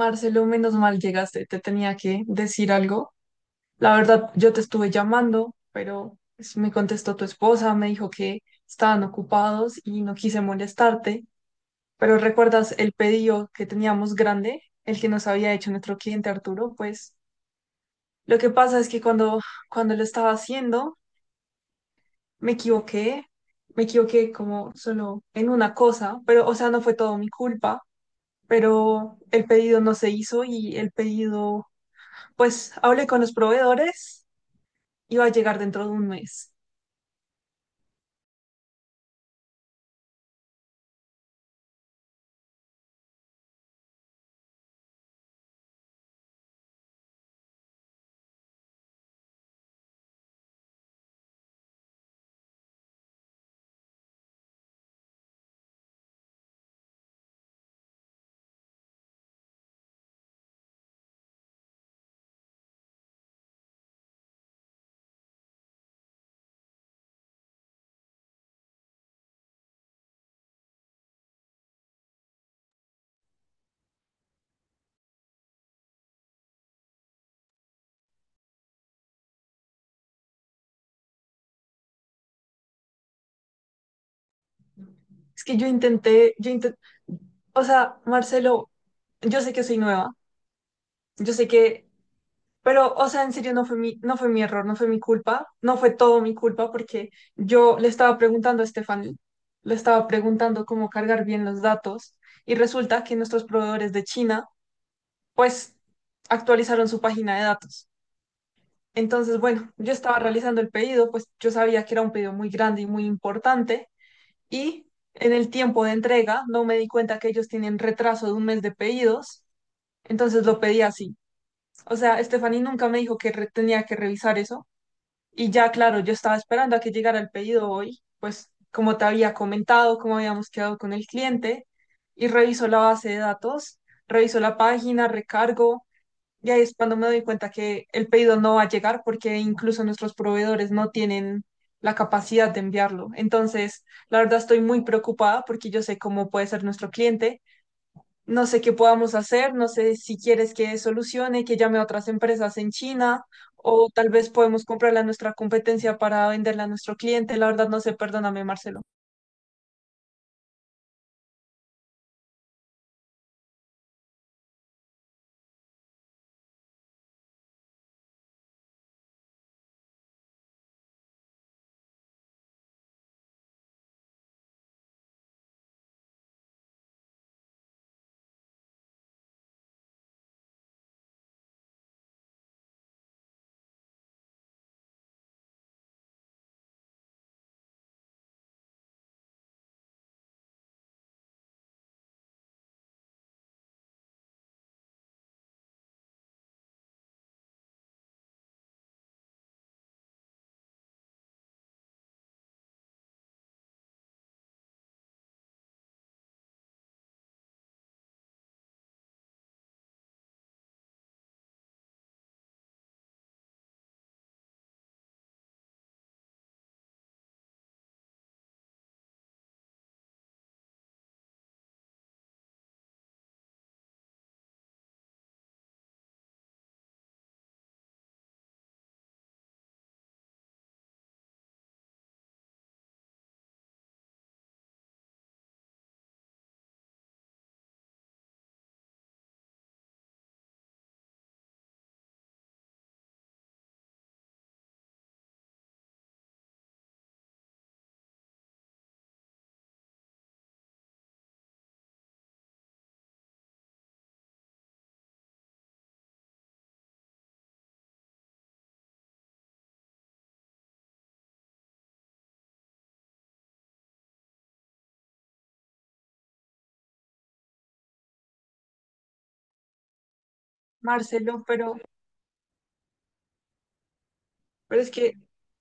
Marcelo, menos mal llegaste, te tenía que decir algo. La verdad, yo te estuve llamando, pero pues, me contestó tu esposa, me dijo que estaban ocupados y no quise molestarte. Pero ¿recuerdas el pedido que teníamos grande, el que nos había hecho nuestro cliente Arturo? Pues lo que pasa es que cuando lo estaba haciendo, me equivoqué, me equivoqué como solo en una cosa, pero o sea, no fue todo mi culpa, pero el pedido no se hizo y el pedido. Pues hablé con los proveedores y va a llegar dentro de un mes. Es que yo intenté, o sea, Marcelo, yo sé que soy nueva, yo sé que, pero, o sea, en serio no fue mi error, no fue mi culpa, no fue todo mi culpa porque yo le estaba preguntando a Stephanie, le estaba preguntando cómo cargar bien los datos y resulta que nuestros proveedores de China, pues, actualizaron su página de datos. Entonces, bueno, yo estaba realizando el pedido, pues yo sabía que era un pedido muy grande y muy importante, y en el tiempo de entrega no me di cuenta que ellos tienen retraso de un mes de pedidos, entonces lo pedí así. O sea, Stephanie nunca me dijo que tenía que revisar eso y ya, claro, yo estaba esperando a que llegara el pedido hoy, pues como te había comentado, como habíamos quedado con el cliente, y reviso la base de datos, reviso la página, recargo. Y ahí es cuando me doy cuenta que el pedido no va a llegar porque incluso nuestros proveedores no tienen la capacidad de enviarlo. Entonces, la verdad estoy muy preocupada porque yo sé cómo puede ser nuestro cliente, no sé qué podamos hacer, no sé si quieres que solucione, que llame a otras empresas en China, o tal vez podemos comprarle a nuestra competencia para venderla a nuestro cliente. La verdad no sé, perdóname, Marcelo. Marcelo, pero... Pero es que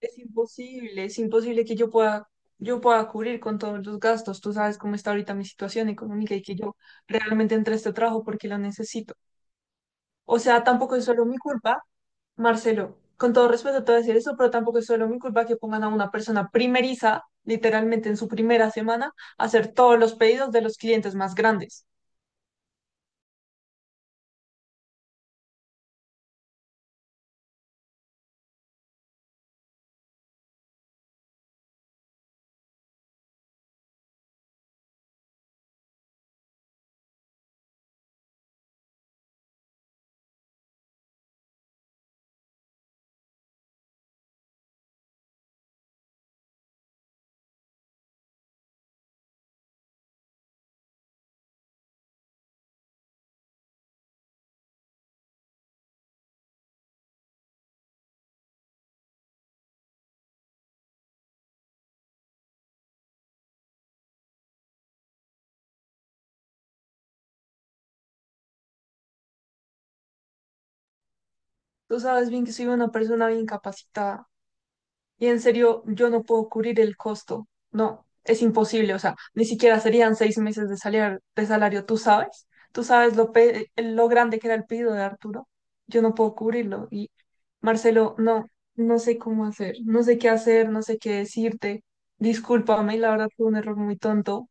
es imposible que yo pueda cubrir con todos los gastos. Tú sabes cómo está ahorita mi situación económica y que yo realmente entré a este trabajo porque lo necesito. O sea, tampoco es solo mi culpa, Marcelo. Con todo respeto te voy a decir eso, pero tampoco es solo mi culpa que pongan a una persona primeriza, literalmente en su primera semana, a hacer todos los pedidos de los clientes más grandes. Tú sabes bien que soy una persona bien capacitada. Y en serio, yo no puedo cubrir el costo. No, es imposible. O sea, ni siquiera serían 6 meses de de salario. ¿Tú sabes? ¿Tú sabes lo, lo grande que era el pedido de Arturo? Yo no puedo cubrirlo. Y Marcelo, no, no sé cómo hacer. No sé qué hacer, no sé qué decirte. Discúlpame, la verdad fue un error muy tonto.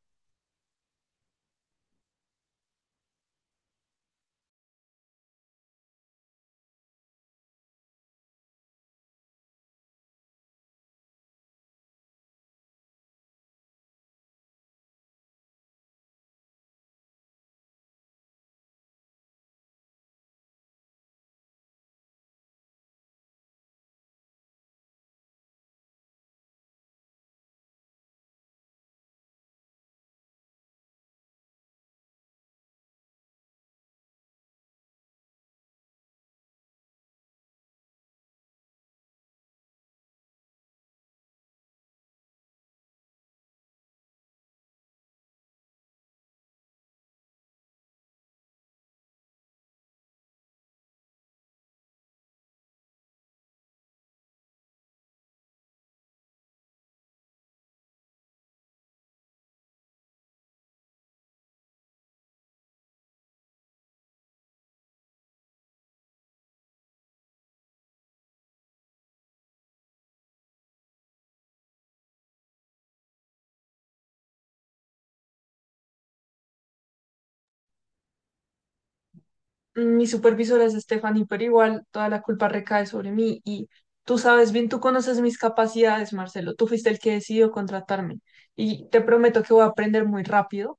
Mi supervisor es Stephanie, pero igual toda la culpa recae sobre mí, y tú sabes bien, tú conoces mis capacidades, Marcelo. Tú fuiste el que decidió contratarme y te prometo que voy a aprender muy rápido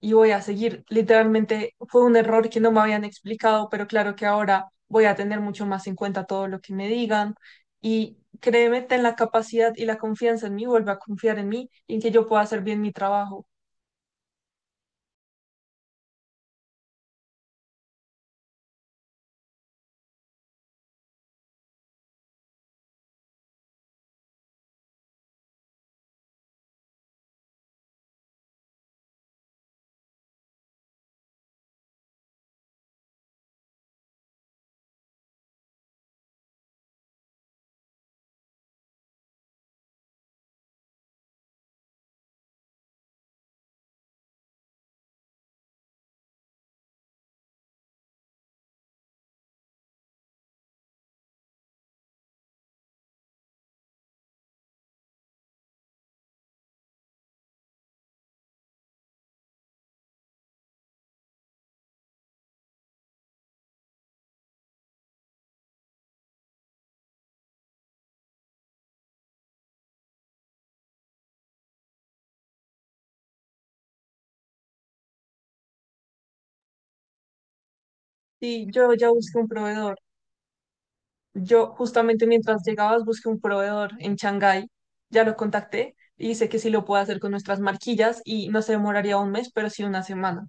y voy a seguir. Literalmente fue un error que no me habían explicado, pero claro que ahora voy a tener mucho más en cuenta todo lo que me digan y créeme, ten la capacidad y la confianza en mí, vuelve a confiar en mí y en que yo pueda hacer bien mi trabajo. Sí, yo ya busqué un proveedor. Yo justamente mientras llegabas busqué un proveedor en Shanghái, ya lo contacté y dice que sí lo puede hacer con nuestras marquillas y no se demoraría un mes, pero sí 1 semana.